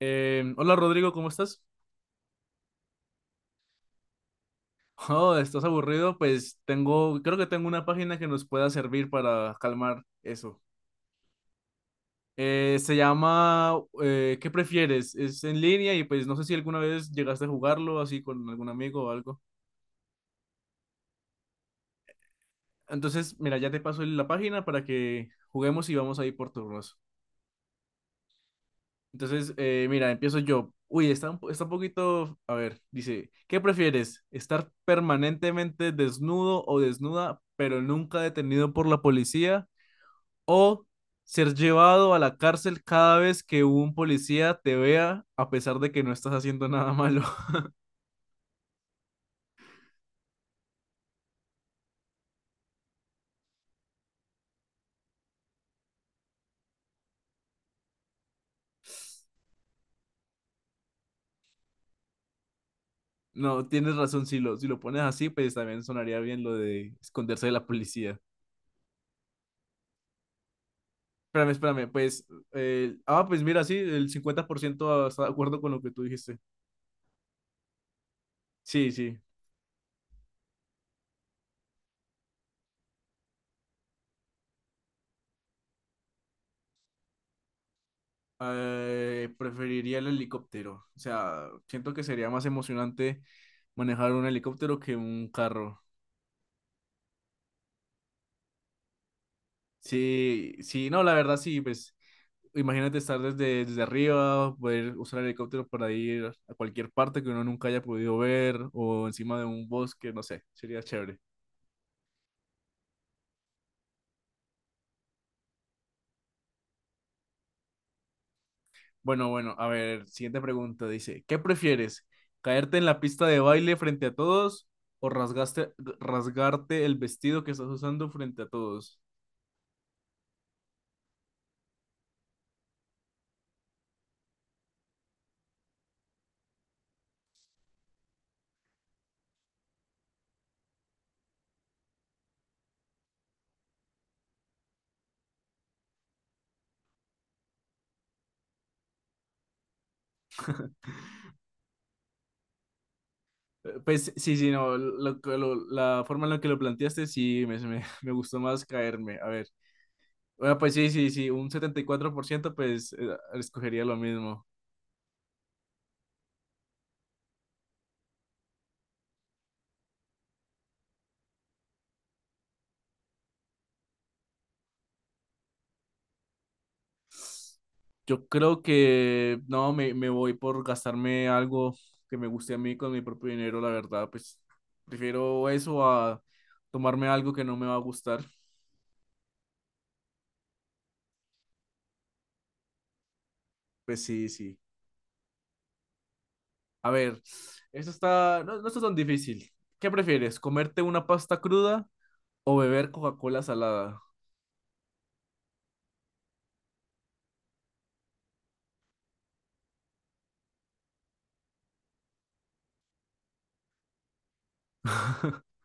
Hola Rodrigo, ¿cómo estás? Oh, ¿estás aburrido? Pues creo que tengo una página que nos pueda servir para calmar eso. Se llama ¿Qué prefieres? Es en línea y pues no sé si alguna vez llegaste a jugarlo así con algún amigo o algo. Entonces, mira, ya te paso la página para que juguemos y vamos ahí por turnos. Entonces, mira, empiezo yo. Uy, está un poquito, a ver, dice, ¿qué prefieres? ¿Estar permanentemente desnudo o desnuda, pero nunca detenido por la policía? O ser llevado a la cárcel cada vez que un policía te vea, a pesar de que no estás haciendo nada malo. No, tienes razón, si lo pones así, pues también sonaría bien lo de esconderse de la policía. Espérame, espérame, pues, pues mira, sí, el 50% está de acuerdo con lo que tú dijiste. Sí, sí. Preferiría el helicóptero. O sea, siento que sería más emocionante manejar un helicóptero que un carro. Sí, sí, no, la verdad sí, pues imagínate estar desde arriba, poder usar el helicóptero para ir a cualquier parte que uno nunca haya podido ver o encima de un bosque, no sé, sería chévere. Bueno, bueno, a ver, siguiente pregunta dice, ¿qué prefieres? ¿Caerte en la pista de baile frente a todos o rasgarte el vestido que estás usando frente a todos? Pues sí, sí, no, lo que la forma en la que lo planteaste sí me gustó más caerme. A ver, bueno, pues sí, sí, sí, un 74% pues escogería lo mismo. Yo creo que no, me voy por gastarme algo que me guste a mí con mi propio dinero, la verdad, pues prefiero eso a tomarme algo que no me va a gustar. Pues sí, sí. A ver, esto está, no, no está tan difícil. ¿Qué prefieres, comerte una pasta cruda o beber Coca-Cola salada?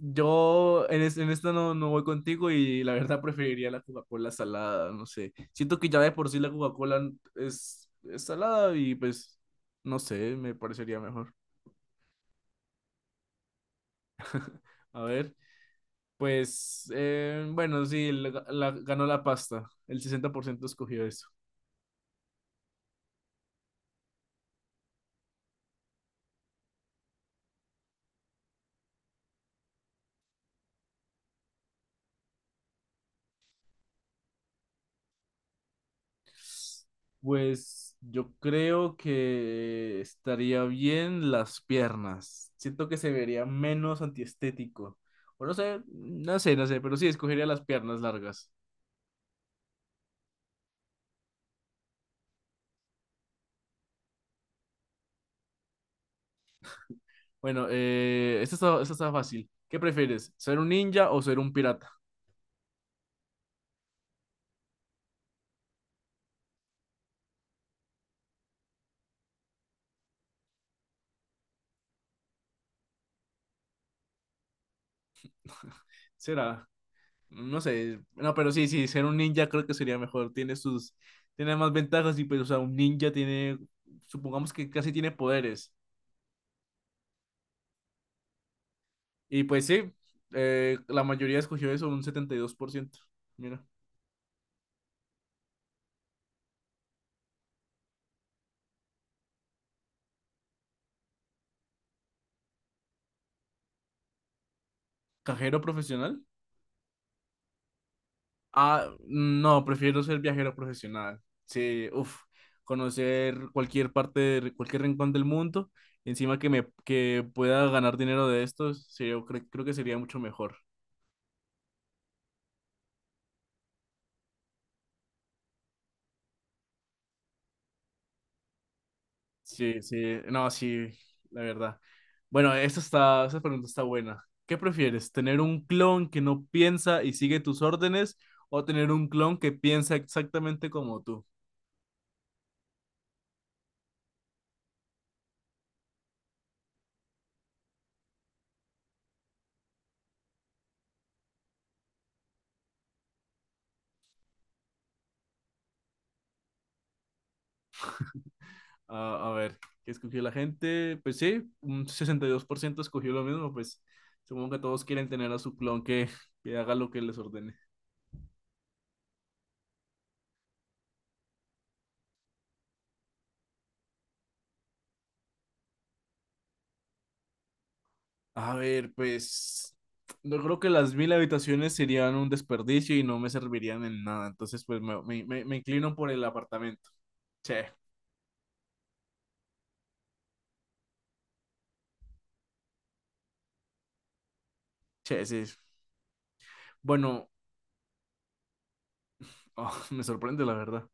En esta no, no voy contigo y la verdad preferiría la Coca-Cola salada, no sé. Siento que ya de por sí la Coca-Cola es salada y pues no sé, me parecería mejor. A ver, pues bueno, sí, ganó la pasta, el 60% escogió eso. Pues yo creo que estaría bien las piernas. Siento que se vería menos antiestético. O no sé, no sé, no sé, pero sí escogería las piernas largas. Bueno, esta está fácil. ¿Qué prefieres? ¿Ser un ninja o ser un pirata? Será, no sé, no, pero sí, sí, ser un ninja creo que sería mejor. Tiene más ventajas y pues, o sea, un ninja supongamos que casi tiene poderes. Y pues sí, la mayoría escogió eso, un 72%. Mira, cajero profesional. Ah, no, prefiero ser viajero profesional. Sí, uff, conocer cualquier parte, cualquier rincón del mundo, encima que pueda ganar dinero de esto, sí, yo creo que sería mucho mejor. Sí, sí, no, sí, la verdad. Bueno, esa pregunta está buena. ¿Qué prefieres? ¿Tener un clon que no piensa y sigue tus órdenes o tener un clon que piensa exactamente como tú? Ah, a ver, ¿qué escogió la gente? Pues sí, un 62% escogió lo mismo, pues supongo que todos quieren tener a su clon que haga lo que les ordene. A ver, pues yo creo que las mil habitaciones serían un desperdicio y no me servirían en nada, entonces pues me inclino por el apartamento. Che, che, sí. Bueno, oh, me sorprende la verdad.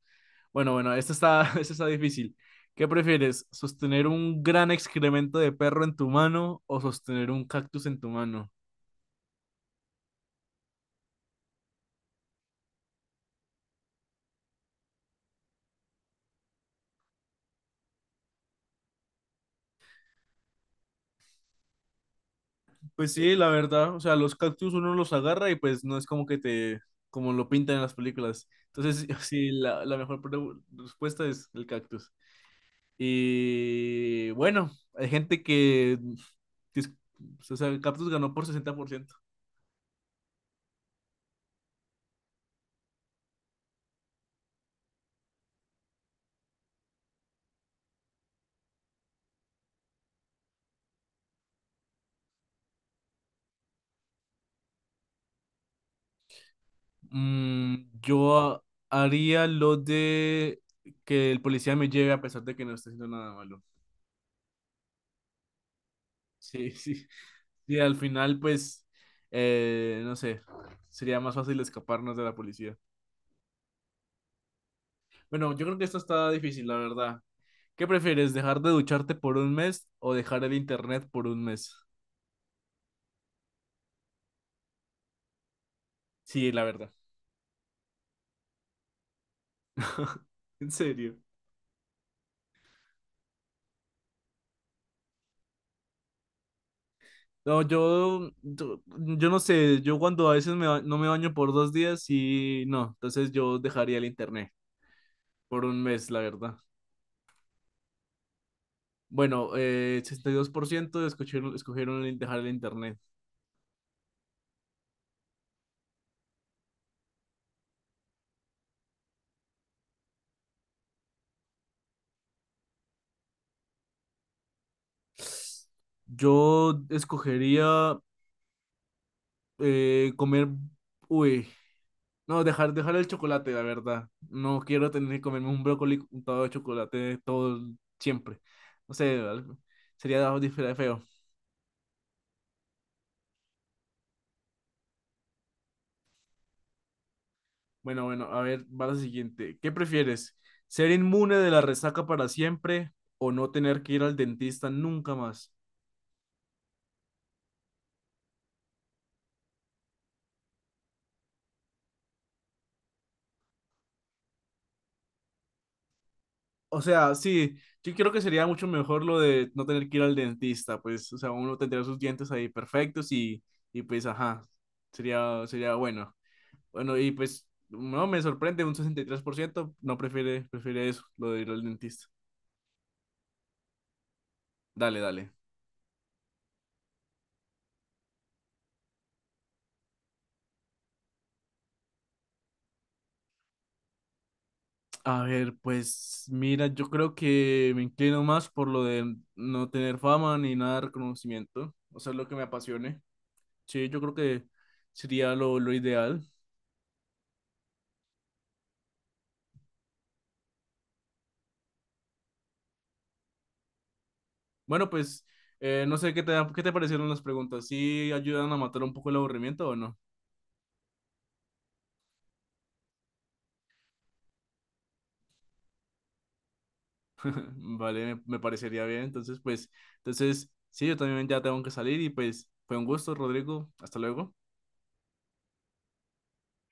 Bueno, bueno, esto está, esto está difícil. ¿Qué prefieres? ¿Sostener un gran excremento de perro en tu mano o sostener un cactus en tu mano? Pues sí, la verdad, o sea, los cactus uno los agarra y pues no es como lo pintan en las películas. Entonces, sí, la mejor respuesta es el cactus. Y bueno, hay gente dis- o sea, el cactus ganó por 60%. Mm, yo haría lo de que el policía me lleve a pesar de que no esté haciendo nada malo. Sí, sí. Y al final, pues, no sé, sería más fácil escaparnos de la policía. Bueno, yo creo que esto está difícil, la verdad. ¿Qué prefieres, dejar de ducharte por un mes o dejar el internet por un mes? Sí, la verdad. En serio. No, yo no sé, yo cuando a veces no me baño por 2 días y no, entonces yo dejaría el internet por un mes, la verdad. Bueno, 62% escogieron dejar el internet. Yo escogería eh, comer, uy, no, dejar el chocolate, la verdad. No quiero tener que comerme un brócoli untado de chocolate siempre. No sé, sería algo feo. Bueno, bueno, a ver, va la siguiente. ¿Qué prefieres? ¿Ser inmune de la resaca para siempre o no tener que ir al dentista nunca más? O sea, sí, yo creo que sería mucho mejor lo de no tener que ir al dentista, pues, o sea, uno tendría sus dientes ahí perfectos y pues, ajá, sería bueno. Bueno, y pues no me sorprende, un 63% no prefiere, prefiere eso, lo de ir al dentista. Dale, dale. A ver, pues mira, yo creo que me inclino más por lo de no tener fama ni nada de reconocimiento, o sea, lo que me apasione. Sí, yo creo que sería lo ideal. Bueno, pues no sé qué te parecieron las preguntas, ¿sí ayudan a matar un poco el aburrimiento o no? Vale, me parecería bien. Entonces, pues, entonces, sí, yo también ya tengo que salir y pues fue un gusto, Rodrigo. Hasta luego.